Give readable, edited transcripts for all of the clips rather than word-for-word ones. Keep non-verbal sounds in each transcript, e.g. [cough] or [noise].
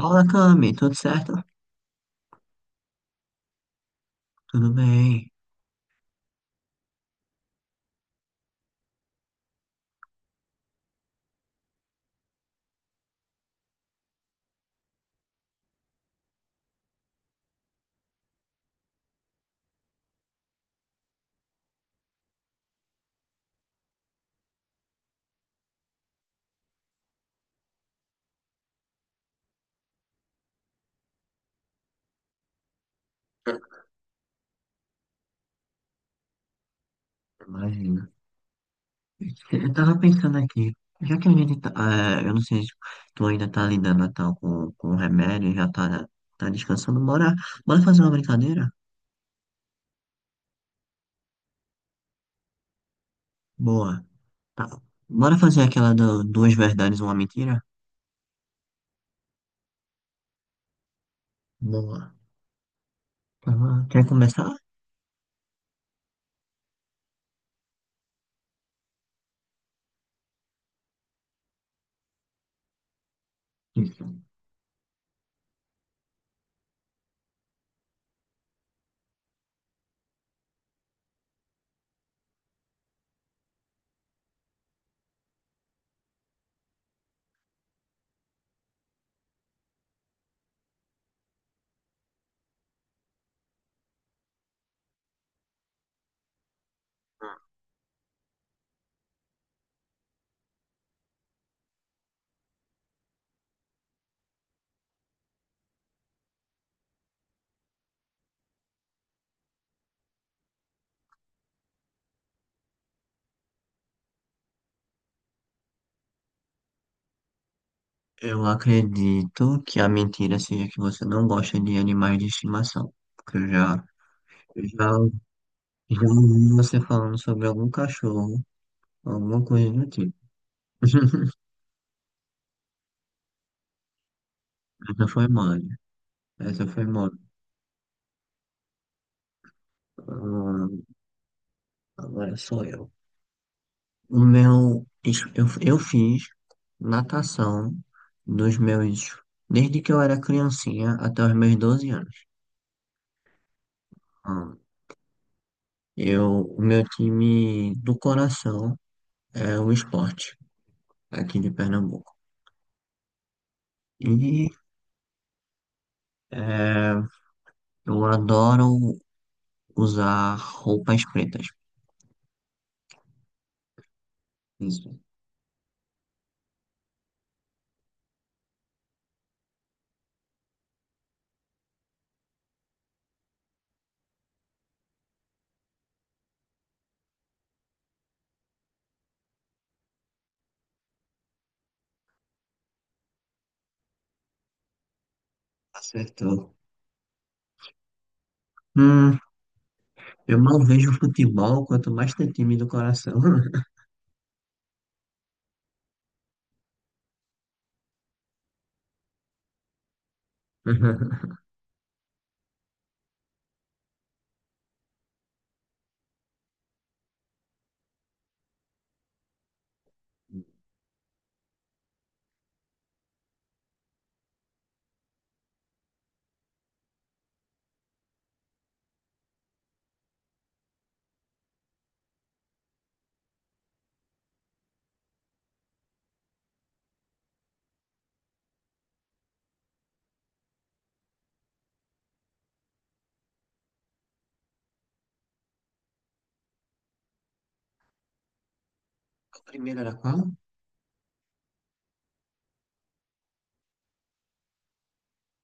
Olá, Cami, tudo certo? Tudo bem, imagina. Eu tava pensando aqui, já que a gente tá, eu não sei se tu ainda tá lidando e tal com o remédio, tá descansando, bora fazer uma brincadeira? Boa. Tá. Bora fazer aquela do, duas verdades, uma mentira? Boa. Tá. Bom. Quer começar? Isso. Eu acredito que a mentira seja que você não gosta de animais de estimação, porque eu já já ouvi você falando sobre algum cachorro, alguma coisa do tipo. [laughs] Essa foi mole. Essa foi mole. Ah, agora sou eu. O meu. Eu fiz natação dos meus. Desde que eu era criancinha até os meus 12 anos. Ah, eu, o meu time do coração é o esporte, aqui de Pernambuco. E é, eu adoro usar roupas pretas. Isso. Acertou. Hum, eu mal vejo futebol, quanto mais ter time do coração. [laughs] A primeira era qual?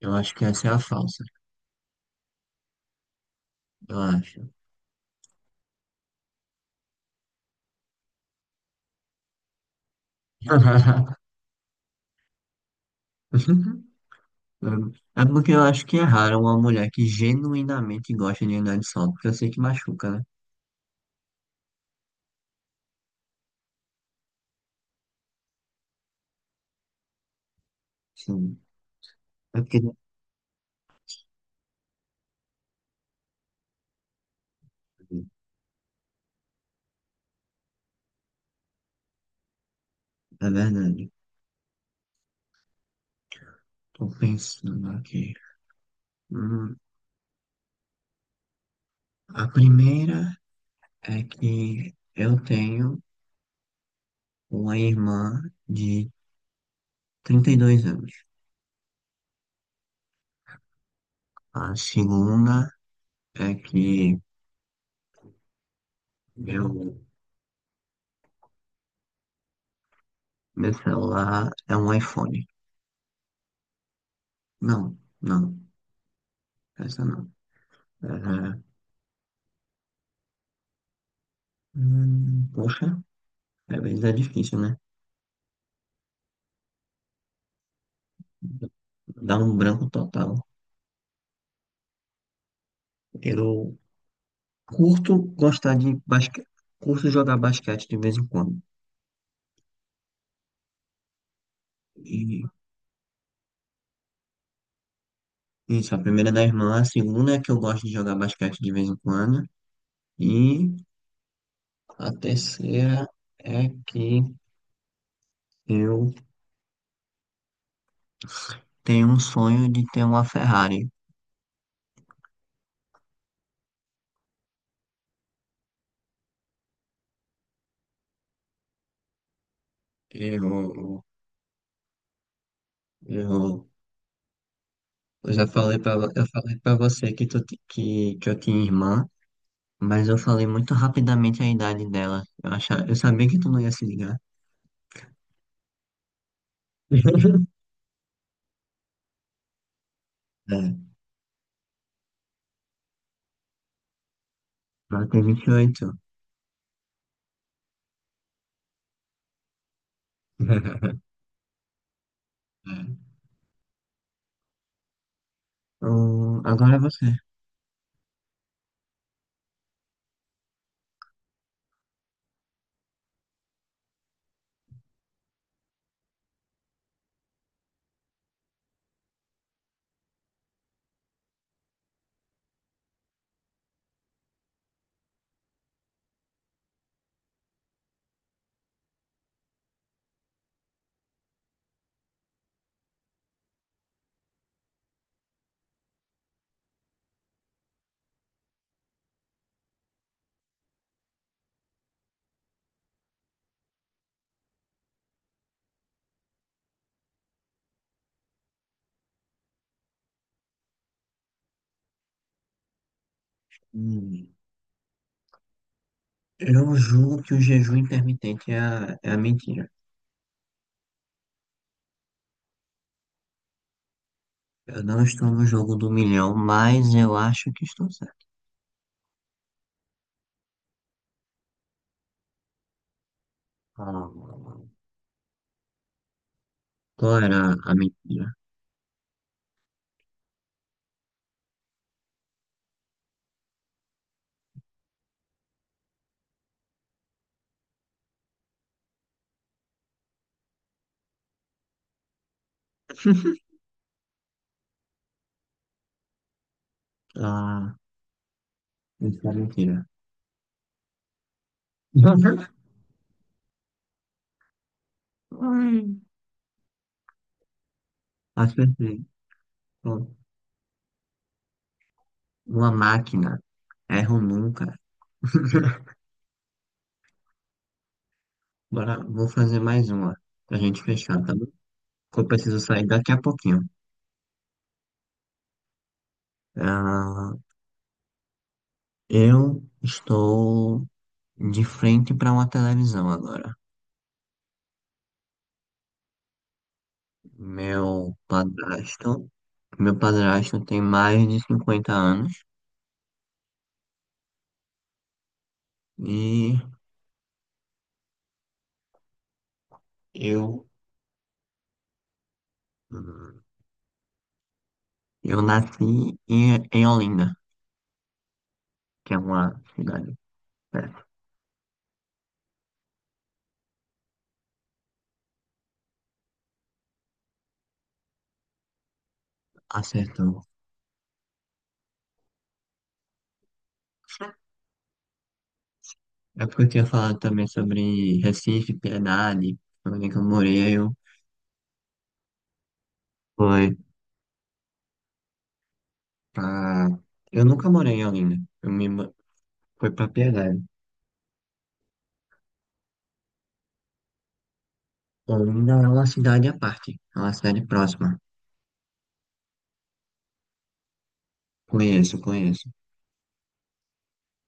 Eu acho que essa é a falsa. Eu acho. [laughs] É porque eu acho que é raro uma mulher que genuinamente gosta de andar de sol, porque eu sei que machuca, né? Sim. É porque... É verdade. Tô pensando aqui. Hum, a primeira é que eu tenho uma irmã de 32 anos. A segunda é que meu, meu celular é um iPhone. Não, não, essa não. É, poxa, às vezes é difícil, né? Dá um branco total. Eu curto gostar de basquete, curto jogar basquete de vez em quando. E isso, a primeira é da irmã, a segunda é que eu gosto de jogar basquete de vez em quando. E a terceira é que eu tenho um sonho de ter uma Ferrari. Eu Eu, eu já falei pra, eu falei pra você que, que eu tinha irmã, mas eu falei muito rapidamente a idade dela. Eu sabia que tu não ia se ligar. [laughs] É, ela tem 28. [laughs] É. Agora é você. Hum, eu julgo que o jejum intermitente é a mentira Eu não estou no jogo do milhão, mas eu acho que estou certo. Ah, qual era a mentira? Ah, isso é mentira. [laughs] Ai, acertei. Pronto. Uma máquina. Erro nunca. [laughs] Bora, vou fazer mais uma pra gente fechar, tá bom? Que eu preciso sair daqui a pouquinho. Ah, eu estou de frente para uma televisão agora. Meu padrasto, meu padrasto tem mais de 50 anos e eu eu nasci em Olinda, que é uma cidade perto. Acertou. É porque eu tinha falado também sobre Recife, Piedade, onde que eu morei, eu fui pra... Eu nunca morei em Olinda, fui pra Piedade. Olinda é uma cidade à parte, é uma cidade próxima. Conheço, conheço.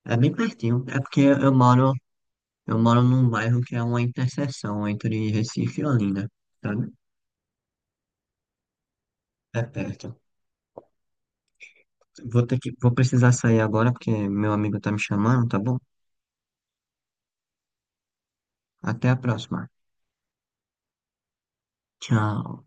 É bem pertinho, é porque eu moro num bairro que é uma interseção entre Recife e Olinda, sabe? É perto. Vou ter que... Vou precisar sair agora porque meu amigo tá me chamando, tá bom? Até a próxima. Tchau.